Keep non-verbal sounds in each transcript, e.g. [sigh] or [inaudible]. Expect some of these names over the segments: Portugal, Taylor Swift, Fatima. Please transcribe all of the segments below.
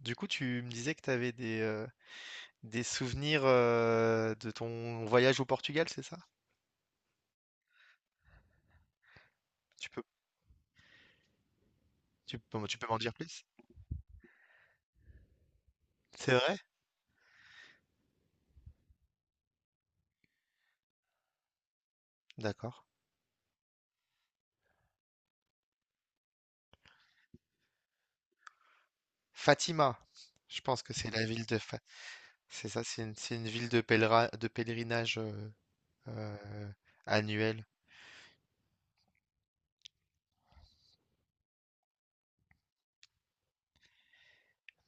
Du coup, tu me disais que tu avais des souvenirs de ton voyage au Portugal, c'est ça? Tu peux, tu peux m'en dire plus? C'est vrai? D'accord. Fatima, je pense que c'est la ville de C'est ça, c'est une ville de de pèlerinage euh, annuel.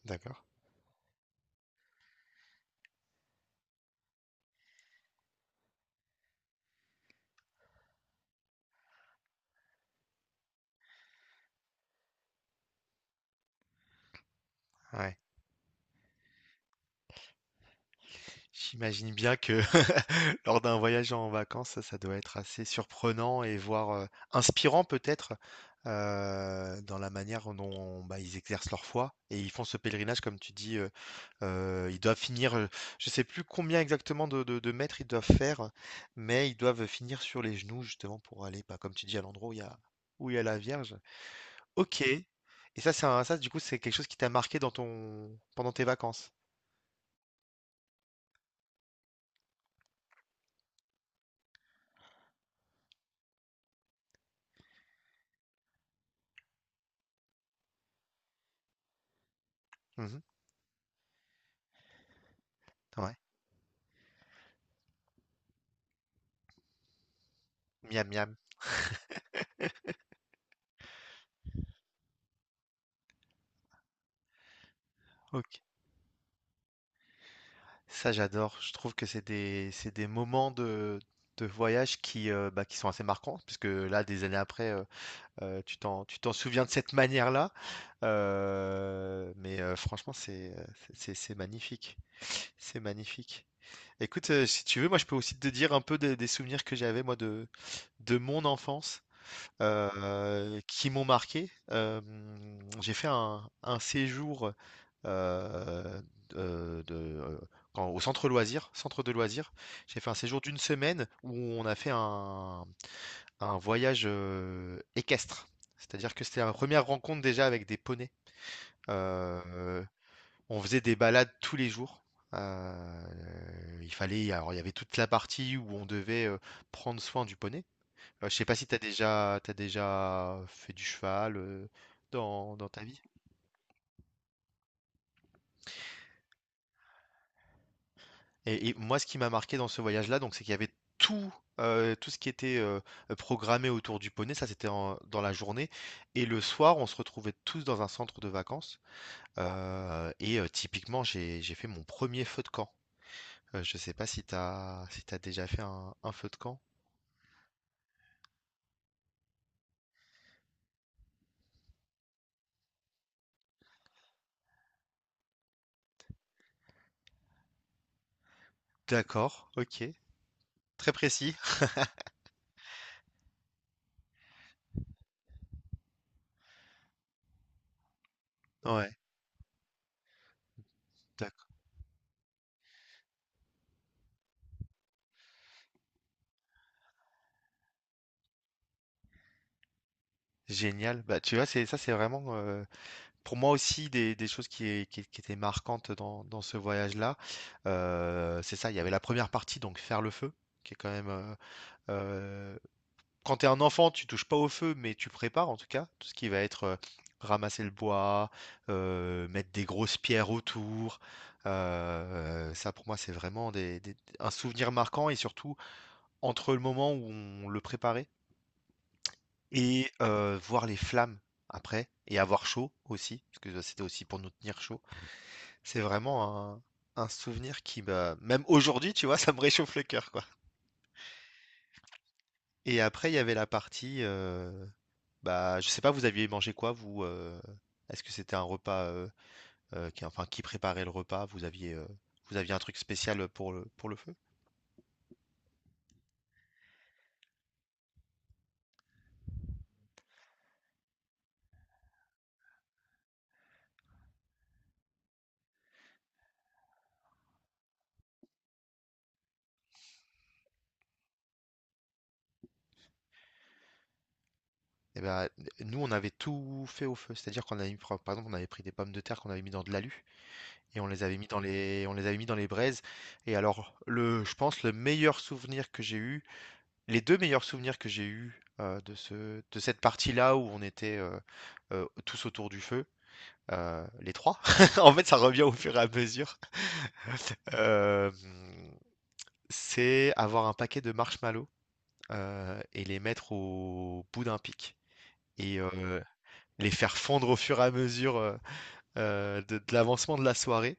D'accord. Ouais. J'imagine bien que [laughs] lors d'un voyage en vacances, ça doit être assez surprenant et voire inspirant peut-être dans la manière dont bah, ils exercent leur foi et ils font ce pèlerinage, comme tu dis, ils doivent finir, je sais plus combien exactement de mètres ils doivent faire, mais ils doivent finir sur les genoux justement pour aller, bah, comme tu dis, à l'endroit où il y a, où il y a la Vierge. Ok. Et ça, du coup, c'est quelque chose qui t'a marqué dans ton pendant tes vacances. Mhm. Ouais. Miam miam. Ça, j'adore. Je trouve que c'est des moments de voyage qui, bah, qui sont assez marquants, puisque là, des années après, tu tu t'en souviens de cette manière-là. Mais franchement, c'est magnifique. C'est magnifique. Écoute, si tu veux, moi, je peux aussi te dire un peu des souvenirs que j'avais, moi, de mon enfance qui m'ont marqué. J'ai fait un séjour euh, de- de- euh, au centre loisirs, centre de loisirs. J'ai fait un séjour d'une semaine où on a fait un voyage équestre. C'est-à-dire que c'était la première rencontre déjà avec des poneys. Euh, on faisait des balades tous les jours. Euh, il fallait, alors il y avait toute la partie où on devait prendre soin du poney. Je sais pas si t'as déjà fait du cheval dans, dans ta vie. Et moi, ce qui m'a marqué dans ce voyage-là, donc, c'est qu'il y avait tout, tout ce qui était programmé autour du poney. Ça, dans la journée. Et le soir, on se retrouvait tous dans un centre de vacances. Et typiquement, j'ai fait mon premier feu de camp. Je sais pas si si t'as déjà fait un feu de camp. D'accord, ok. Très précis. Ouais, d'accord. Génial. Bah, tu vois, c'est ça, c'est vraiment. Pour moi aussi, des choses qui, qui étaient marquantes dans, dans ce voyage-là, c'est ça, il y avait la première partie, donc faire le feu, qui est quand même... euh, quand tu es un enfant, tu touches pas au feu, mais tu prépares en tout cas, tout ce qui va être ramasser le bois, mettre des grosses pierres autour. Ça, pour moi, c'est vraiment un souvenir marquant, et surtout entre le moment où on le préparait et voir les flammes après, et avoir chaud aussi, parce que c'était aussi pour nous tenir chaud. C'est vraiment un souvenir qui m'a même aujourd'hui, tu vois, [laughs] ça me réchauffe le cœur, quoi. Et après, il y avait la partie, bah, je sais pas, vous aviez mangé quoi, vous, heu? Est-ce que c'était un repas, qui enfin, qui préparait le repas? Vous aviez un truc spécial, pour le feu? Et bah, nous, on avait tout fait au feu. C'est-à-dire qu'on avait mis par exemple, on avait pris des pommes de terre qu'on avait mis dans de l'alu et on les avait mis dans les on les avait mis dans les braises et alors le je pense le meilleur souvenir que j'ai eu, les 2 meilleurs souvenirs que j'ai eus, de ce de cette partie-là où on était, tous autour du feu, les 3. [laughs] En fait, ça revient au fur et à mesure, hem, c'est avoir un paquet de marshmallows, et les mettre au bout d'un pic et les faire fondre au fur et à mesure, de l'avancement de la soirée,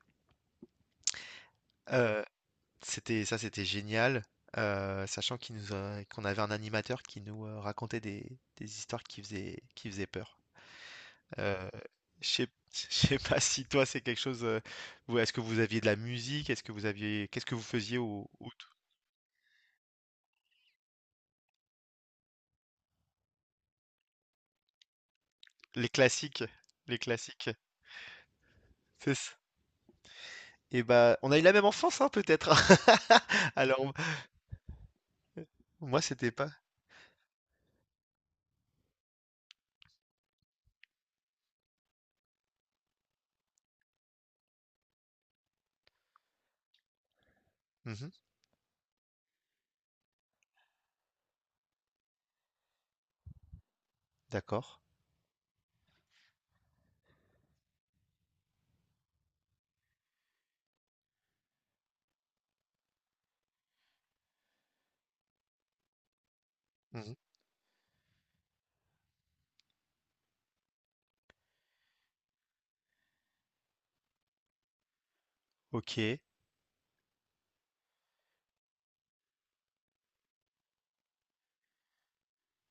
heu, c'était ça, c'était génial, sachant qu'il nous a qu'on avait un animateur qui nous, racontait des histoires qui faisaient peur. Euh, je sais [laughs] je sais pas si toi c'est quelque chose. Est-ce que vous aviez de la musique? Est-ce que vous aviez, qu'est-ce que vous faisiez les classiques, les classiques. C'est ça. Et bah, on a eu la même enfance, hein, peut-être. [laughs] Alors moi c'était pas. Mhm, d'accord. Mhm. Ok,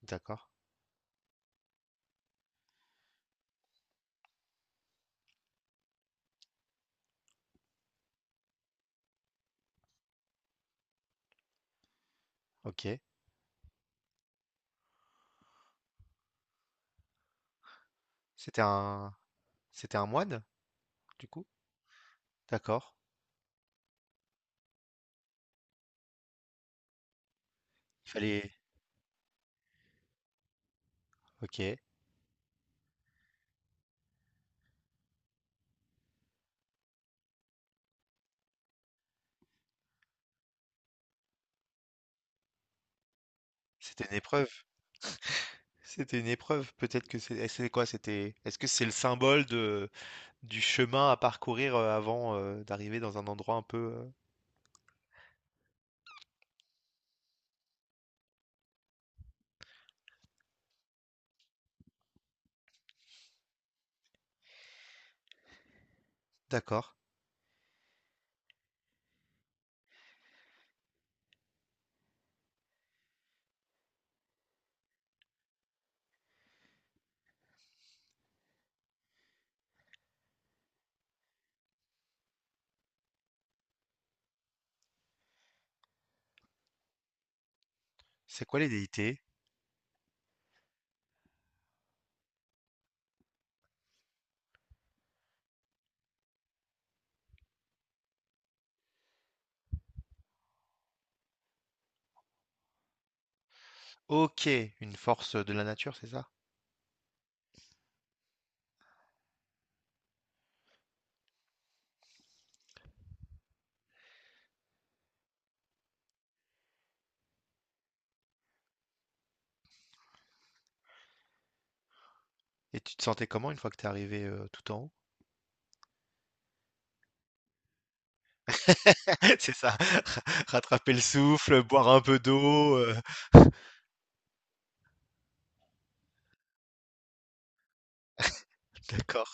d'accord. Ok. C'était un, c'était un moine, du coup. D'accord. Il fallait. Ok. C'était une épreuve. C'était une épreuve, peut-être que c'est quoi? C'était, est-ce que c'est le symbole de, du chemin à parcourir avant d'arriver dans un endroit un peu. D'accord. C'est quoi les déités? Ok, une force de la nature, c'est ça? Et tu te sentais comment une fois que t'es arrivé tout en haut? [laughs] C'est ça. [laughs] Rattraper le souffle, boire un peu d'eau. [laughs] D'accord.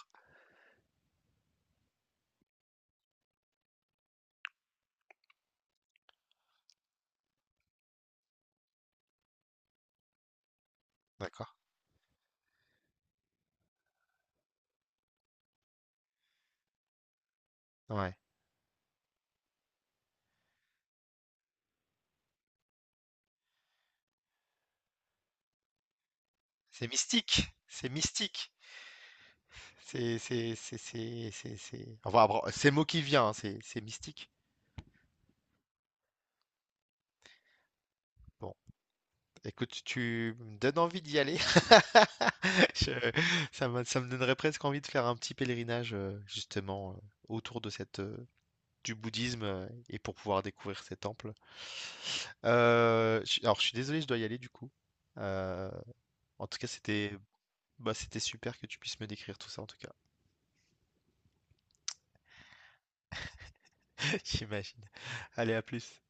D'accord. Ouais. C'est mystique. C'est mystique. C'est, c'est. Enfin, c'est le mot qui vient, hein, c'est mystique. Bon. Écoute, tu me donnes envie d'y aller. [laughs] Je- ça me donnerait presque envie de faire un petit pèlerinage justement autour de cette du bouddhisme et pour pouvoir découvrir ces temples. Alors je suis désolé, je dois y aller du coup. Euh, en tout cas, c'était bah, c'était super que tu puisses me décrire tout ça en tout cas. [laughs] J'imagine. Allez, à plus.